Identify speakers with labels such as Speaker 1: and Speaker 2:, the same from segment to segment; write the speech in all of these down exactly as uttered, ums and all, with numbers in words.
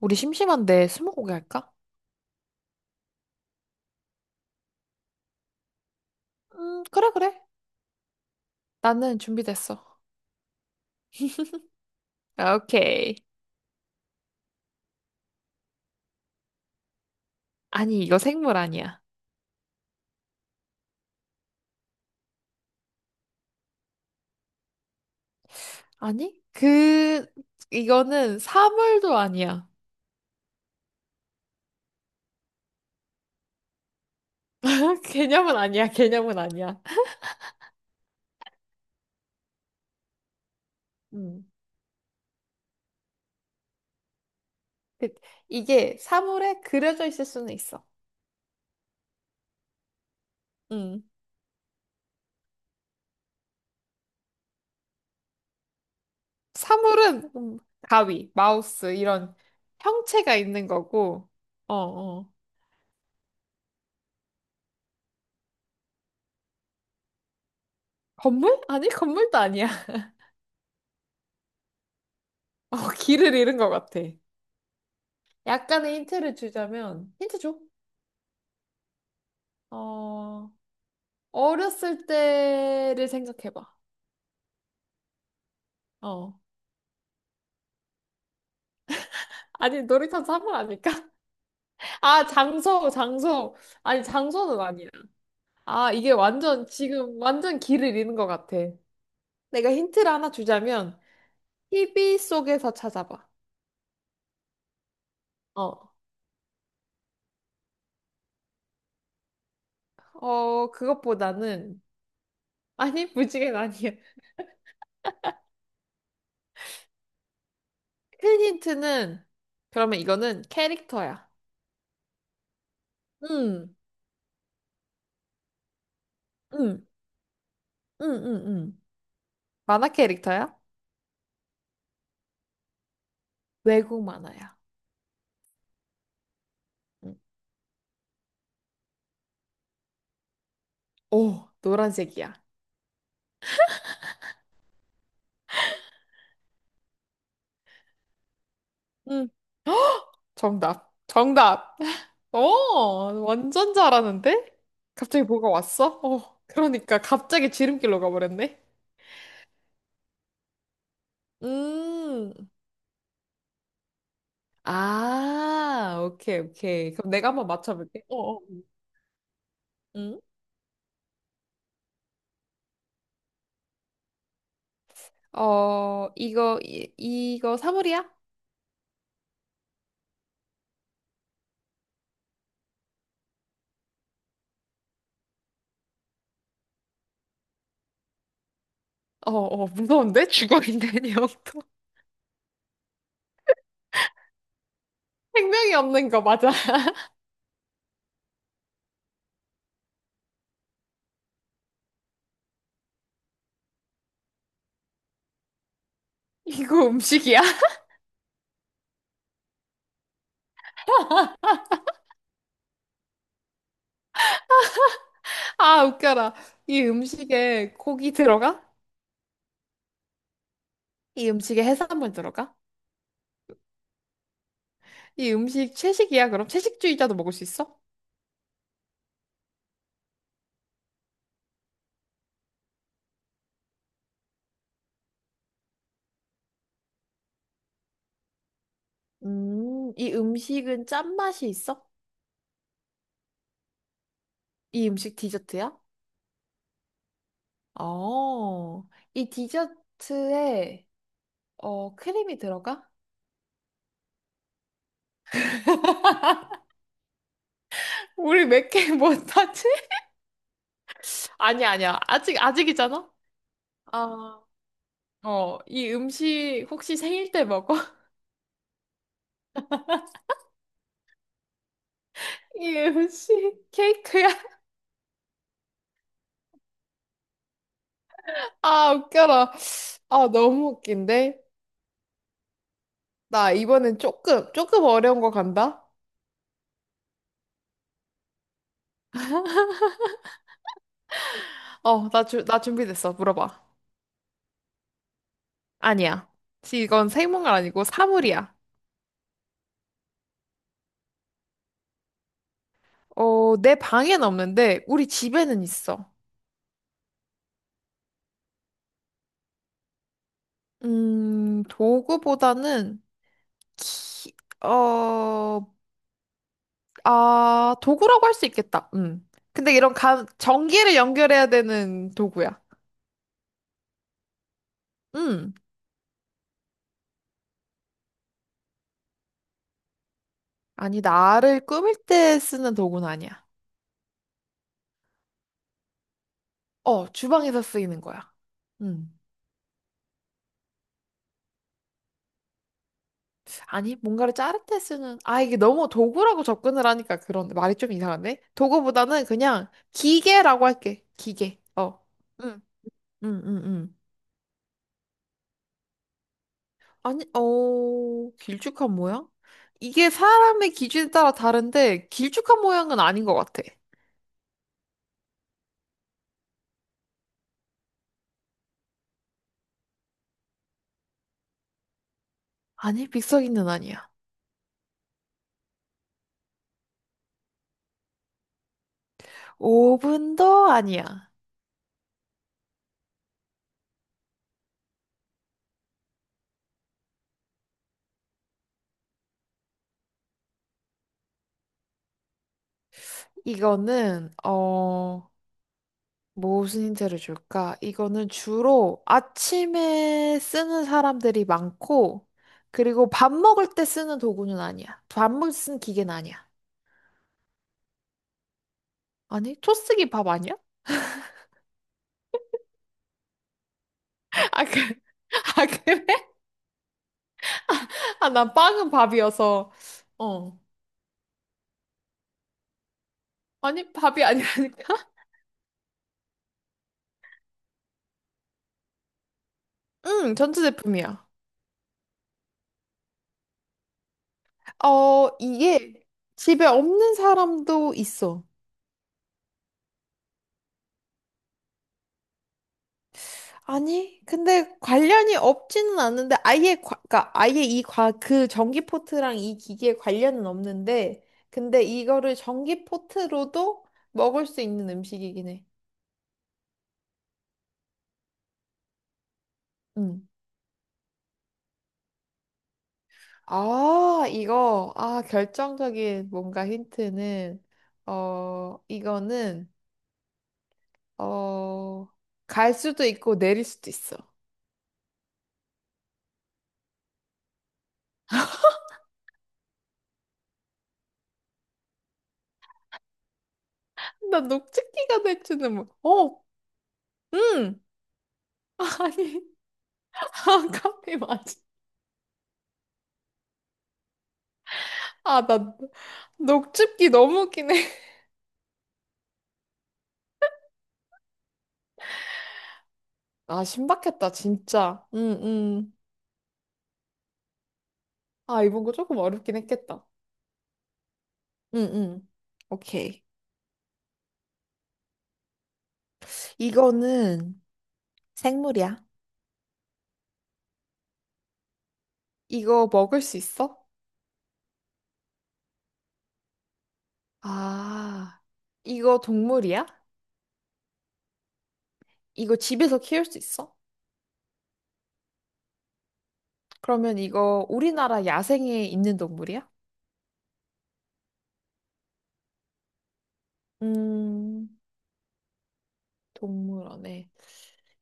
Speaker 1: 우리 심심한데 스무고개 할까? 음, 그래, 그래. 나는 준비됐어. 오케이. 아니, 이거 생물 아니야. 아니? 그, 이거는 사물도 아니야. 개념은 아니야, 개념은 아니야. 음. 그- 이게 사물에 그려져 있을 수는 있어. 음. 사물은 음, 가위, 마우스, 이런 형체가 있는 거고, 어, 어. 건물? 아니, 건물도 아니야. 어, 길을 잃은 것 같아. 약간의 힌트를 주자면, 힌트 줘. 어, 어렸을 때를 생각해봐. 어. 아니, 놀이터에서 한번 아닐까? 아, 장소, 장소. 아니, 장소는 아니야. 아, 이게 완전, 지금 완전 길을 잃은 것 같아. 내가 힌트를 하나 주자면, 티비 속에서 찾아봐. 어. 어, 그것보다는, 아니, 무지개는 아니야. 큰 힌트는, 그러면 이거는 캐릭터야. 응, 응, 응, 응, 응. 만화 캐릭터야? 외국 만화야. 응. 오, 노란색이야. 응. 정답. 정답. 어, 완전 잘하는데? 갑자기 뭐가 왔어? 어, 그러니까 갑자기 지름길로 가버렸네. 음. 아, 오케이, 오케이. 그럼 내가 한번 맞춰볼게. 어, 어. 응? 어, 이거, 이, 이거 사물이야? 어, 어, 무서운데? 죽어 있는 영토. 생명이 없는 거 맞아. 이거 음식이야? 아, 웃겨라. 이 음식에 고기 들어가? 이 음식에 해산물 들어가? 이 음식 채식이야, 그럼? 채식주의자도 먹을 수 있어? 음, 이 음식은 짠맛이 있어? 이 음식 디저트야? 어, 이 디저트에 어, 크림이 들어가? 우리 몇 개 못하지? 아니야, 아니야. 아직, 아직이잖아? 아, 어, 이 음식 혹시 생일 때 먹어? 이 음식 케이크야? 아, 웃겨라. 아, 너무 웃긴데? 나 이번엔 조금, 조금 어려운 거 간다? 어, 나, 주, 나 준비됐어. 물어봐. 아니야. 지- 이건 생물은 아니고 사물이야. 어, 내 방엔 없는데 우리 집에는 있어. 음, 도구보다는 키, 어, 아, 도구라고 할 수 있겠다. 음. 근데 이런 감, 전기를 연결해야 되는 도구야. 음. 아니, 나를 꾸밀 때 쓰는 도구는 아니야. 어, 주방에서 쓰이는 거야. 음. 아니, 뭔가를 자를 때 쓰는, 아, 이게 너무 도구라고 접근을 하니까 그런 말이 좀 이상한데? 도구보다는 그냥 기계라고 할게. 기계. 어. 응. 응, 응, 응. 아니, 어, 길쭉한 모양? 이게 사람의 기준에 따라 다른데, 길쭉한 모양은 아닌 것 같아. 아니, 빅서기는 아니야. 오븐도 아니야. 이거는, 어, 무슨 힌트를 줄까? 이거는 주로 아침에 쓰는 사람들이 많고, 그리고 밥 먹을 때 쓰는 도구는 아니야. 밥 먹을 때 쓰는 기계는 아니야. 아니, 토스기 밥 아니야? 아, 그, 아, 그래? 아, 난 빵은 밥이어서. 어. 아니, 밥이 아니라니까? 응, 전자제품이야. 어, 이게 집에 없는 사람도 있어. 아니, 근데 관련이 없지는 않은데 아예 과, 그러니까 아예 이 과, 그 전기 포트랑 이 기기에 관련은 없는데 근데 이거를 전기 포트로도 먹을 수 있는 음식이긴 해. 음. 아, 이거 아, 결정적인 뭔가 힌트는 어, 이거는 어, 갈 수도 있고 내릴 수도 있어. 나 녹즙기가 될 줄은 몰. 어, 음. 아니, 아, 카페 맞아. 아, 나 녹즙기 너무 웃기네. 아, 신박했다, 진짜. 응, 응. 아, 이번 거 조금 어렵긴 했겠다. 응, 응. 오케이. 이거는 생물이야. 이거 먹을 수 있어? 아, 이거 동물이야? 이거 집에서 키울 수 있어? 그러면 이거 우리나라 야생에 있는 동물이야? 음, 동물원에.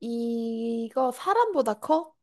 Speaker 1: 이거 사람보다 커?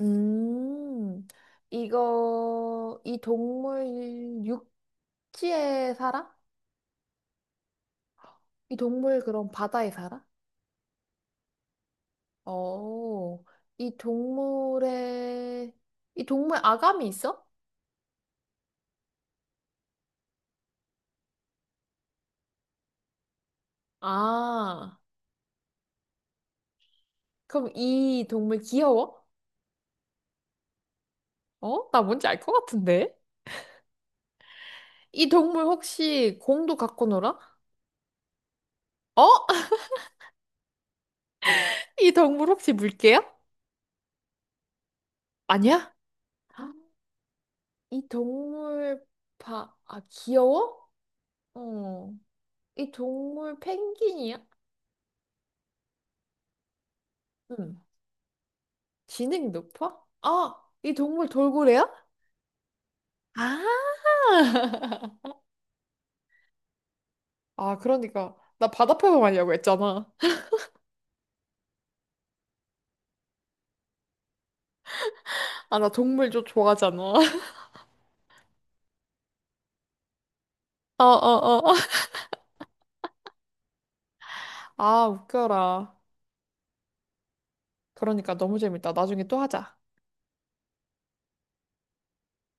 Speaker 1: 음, 이거, 이 동물 육지에 살아? 이 동물 그럼 바다에 살아? 어, 이 동물의, 이 동물 아감이 있어? 아, 그럼 이 동물 귀여워? 어? 나 뭔지 알 것 같은데? 이 동물 혹시 공도 갖고 놀아? 어? 이 동물 혹시 물개야? 아니야? 이 동물 바, 아, 귀여워? 어. 이 동물 펭귄이야? 응. 지능이 높아? 아, 이 동물 돌고래야? 아. 아, 그러니까 나 바다표범아니라고 했잖아. 아, 나 동물 좀 좋아하잖아. 어, 어, 어. 아, 웃겨라. 그러니까 너무 재밌다. 나중에 또 하자.